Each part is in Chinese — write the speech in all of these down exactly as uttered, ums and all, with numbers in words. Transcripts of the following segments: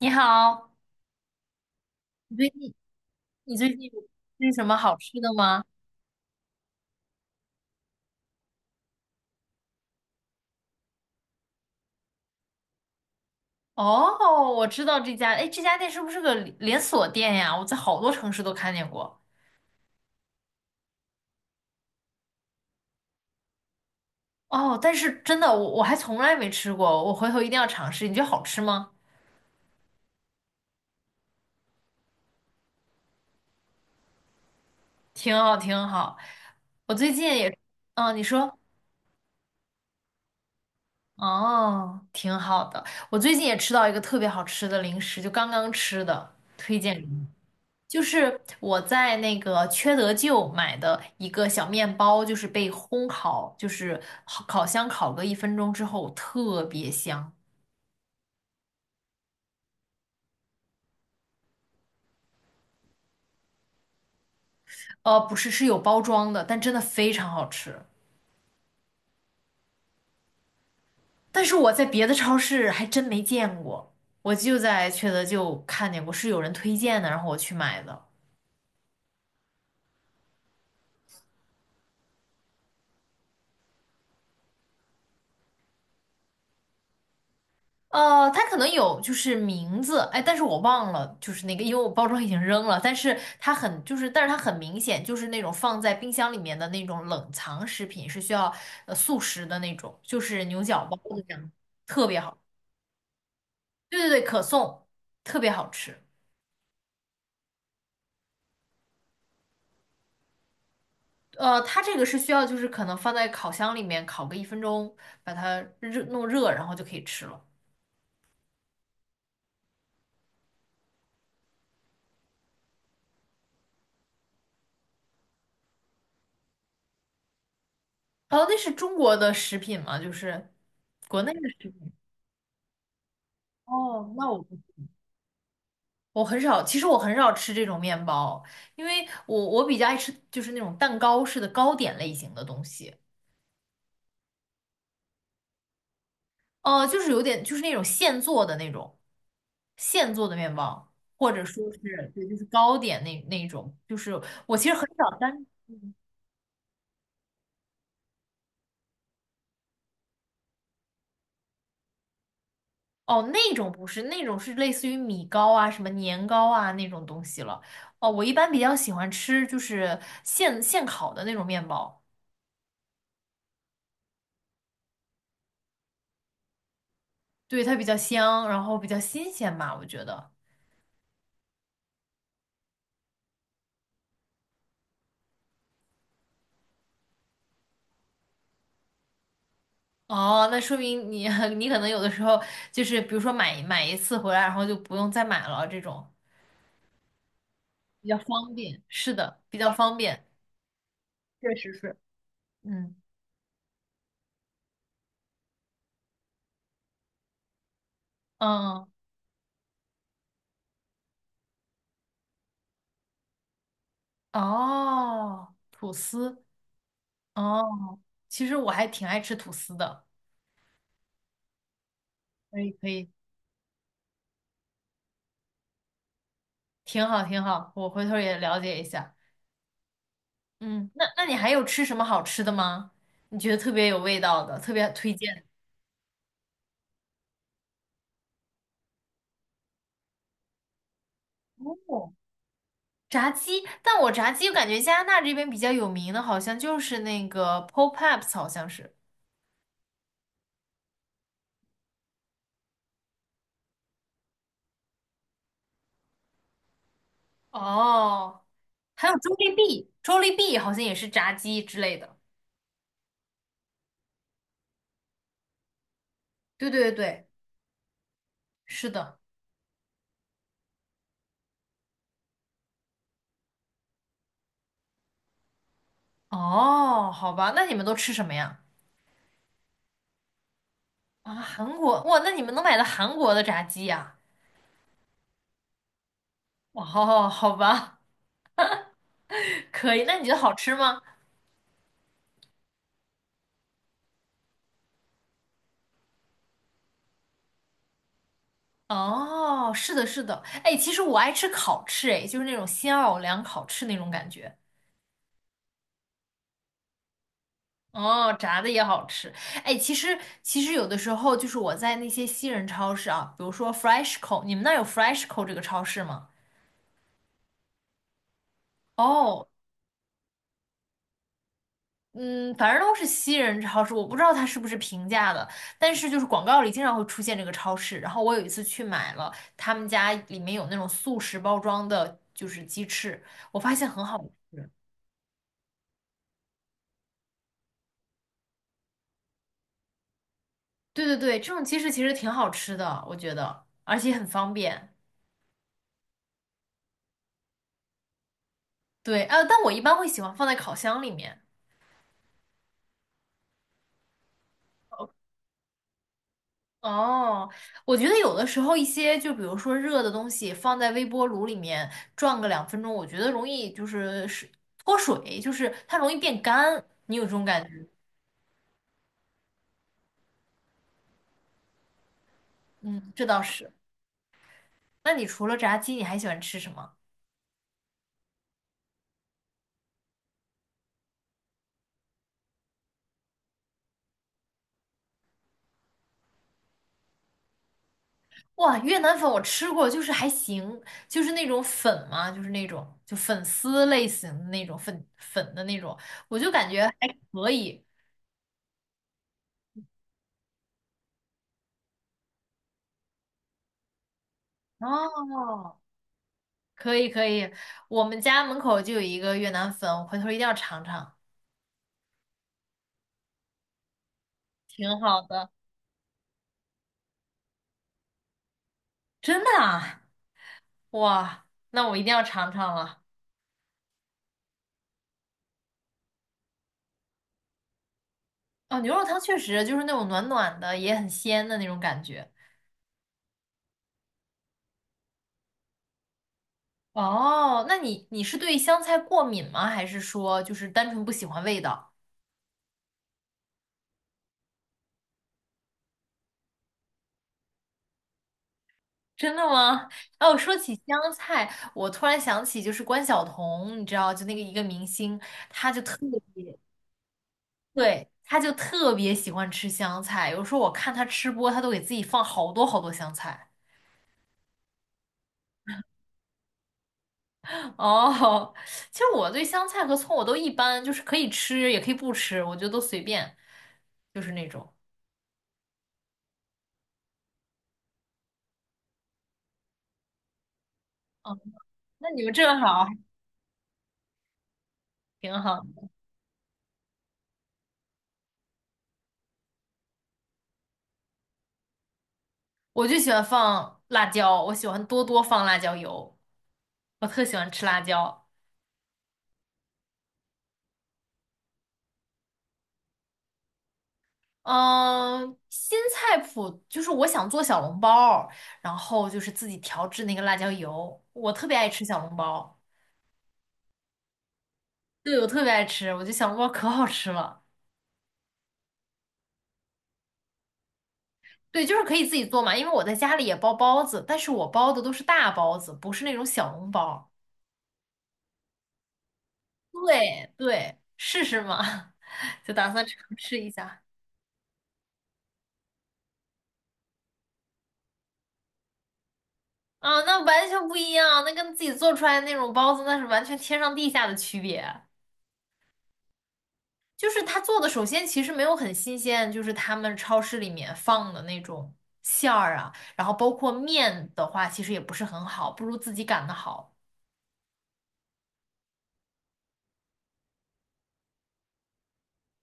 你好，你最近你最近有吃什么好吃的吗？哦，我知道这家，哎，这家店是不是个连连锁店呀？我在好多城市都看见过。哦，但是真的，我我还从来没吃过，我回头一定要尝试。你觉得好吃吗？挺好，挺好。我最近也，嗯，你说，哦，挺好的。我最近也吃到一个特别好吃的零食，就刚刚吃的，推荐。你。给就是我在那个缺德舅买的一个小面包，就是被烘烤，就是烤烤箱烤个一分钟之后特别香。呃，不是，是有包装的，但真的非常好吃。但是我在别的超市还真没见过，我就在缺德舅看见过，是有人推荐的，然后我去买的。呃，它可能有就是名字，哎，但是我忘了，就是那个，因为我包装已经扔了，但是它很就是，但是它很明显就是那种放在冰箱里面的那种冷藏食品，是需要呃速食的那种，就是牛角包子这样，特别好。对对对，可颂特别好吃。呃，它这个是需要就是可能放在烤箱里面烤个一分钟，把它热弄热，然后就可以吃了。哦，那是中国的食品吗？就是国内的食品。哦，那我不。我很少，其实我很少吃这种面包，因为我我比较爱吃就是那种蛋糕式的糕点类型的东西，呃，就是有点就是那种现做的那种现做的面包，或者说是对，就是糕点那那种，就是我其实很少单，嗯哦，那种不是，那种是类似于米糕啊、什么年糕啊那种东西了。哦，我一般比较喜欢吃就是现现烤的那种面包，对，它比较香，然后比较新鲜吧，我觉得。哦，那说明你 你可能有的时候就是比如说买买一次回来，然后就不用再买了，这种比较方便。是的，比较方便。确实是。嗯嗯哦，吐司哦，其实我还挺爱吃吐司的。可以可以，挺好挺好，我回头也了解一下。嗯，那那你还有吃什么好吃的吗？你觉得特别有味道的，特别推荐的？哦炸鸡，但我炸鸡我感觉加拿大这边比较有名的，好像就是那个 Popeyes，好像是，哦，还有 Jollibee，J O L L I B E E 好像也是炸鸡之类的。对对对，是的哦，好吧，那你们都吃什么呀？啊，韩国，哇，那你们能买到韩国的炸鸡呀？哦，好吧，可以。那你觉得好吃吗？哦，是的，是的。哎，其实我爱吃烤翅，哎，就是那种新奥尔良烤翅那种感觉。哦，炸的也好吃。哎，其实其实有的时候就是我在那些西人超市啊，比如说 Freshco，你们那儿有 Freshco 这个超市吗？哦，嗯，反正都是西人超市，我不知道它是不是平价的，但是就是广告里经常会出现这个超市。然后我有一次去买了，他们家里面有那种速食包装的，就是鸡翅，我发现很好吃。对对对，这种鸡翅其实挺好吃的，我觉得，而且很方便。对，呃，但我一般会喜欢放在烤箱里面。哦，我觉得有的时候一些，就比如说热的东西放在微波炉里面转个两分钟，我觉得容易就是是脱水，就是它容易变干，你有这种感觉？嗯，这倒是。那你除了炸鸡，你还喜欢吃什么？哇，越南粉我吃过，就是还行，就是那种粉嘛，就是那种就粉丝类型的那种粉粉的那种，我就感觉还可以。哦，可以可以，我们家门口就有一个越南粉，我回头一定要尝尝。挺好的，真的啊，哇，那我一定要尝尝了。哦，牛肉汤确实就是那种暖暖的，也很鲜的那种感觉。哦，那你你是对香菜过敏吗？还是说就是单纯不喜欢味道？真的吗？哦，说起香菜，我突然想起就是关晓彤，你知道，就那个一个明星，她就特别，对，她就特别喜欢吃香菜。有时候我看她吃播，她都给自己放好多好多香菜。哦，其实我对香菜和葱我都一般，就是可以吃也可以不吃，我觉得都随便，就是那种。嗯，那你们正好挺好。我就喜欢放辣椒，我喜欢多多放辣椒油，我特喜欢吃辣椒。嗯，新菜谱就是我想做小笼包儿然后就是自己调制那个辣椒油，我特别爱吃小笼包，对，我特别爱吃，我觉得小笼包可好吃了。对，就是可以自己做嘛，因为我在家里也包包子，但是我包的都是大包子，不是那种小笼包。对对，试试嘛，就打算尝试一下。啊，那完全不一样，那跟自己做出来的那种包子，那是完全天上地下的区别。就是他做的，首先其实没有很新鲜，就是他们超市里面放的那种馅儿啊，然后包括面的话，其实也不是很好，不如自己擀的好。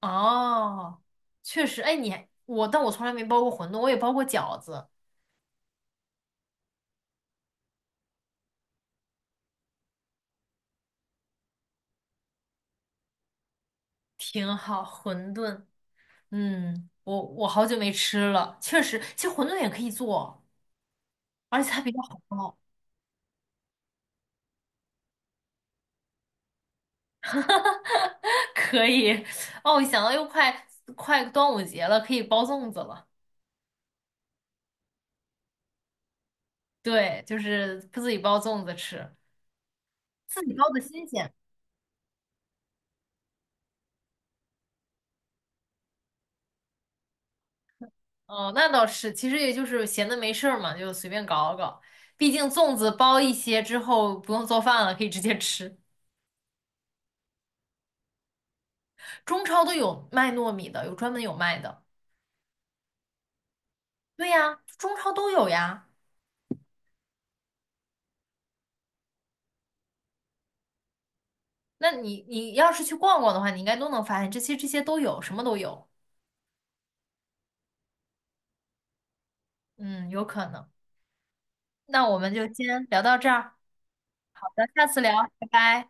哦，确实，哎，你还我，但我从来没包过馄饨，我也包过饺子，挺好。馄饨，嗯，我我好久没吃了，确实，其实馄饨也可以做，而且它比较好包，可以。哦，我想到又快快端午节了，可以包粽子了。对，就是自己包粽子吃，自己包的新鲜。哦，那倒是，其实也就是闲的没事儿嘛，就随便搞搞。毕竟粽子包一些之后不用做饭了，可以直接吃。中超都有卖糯米的，有专门有卖的。对呀，中超都有呀。那你你要是去逛逛的话，你应该都能发现，这些这些都有，什么都有。嗯，有可能。那我们就先聊到这儿，好的，下次聊，拜拜。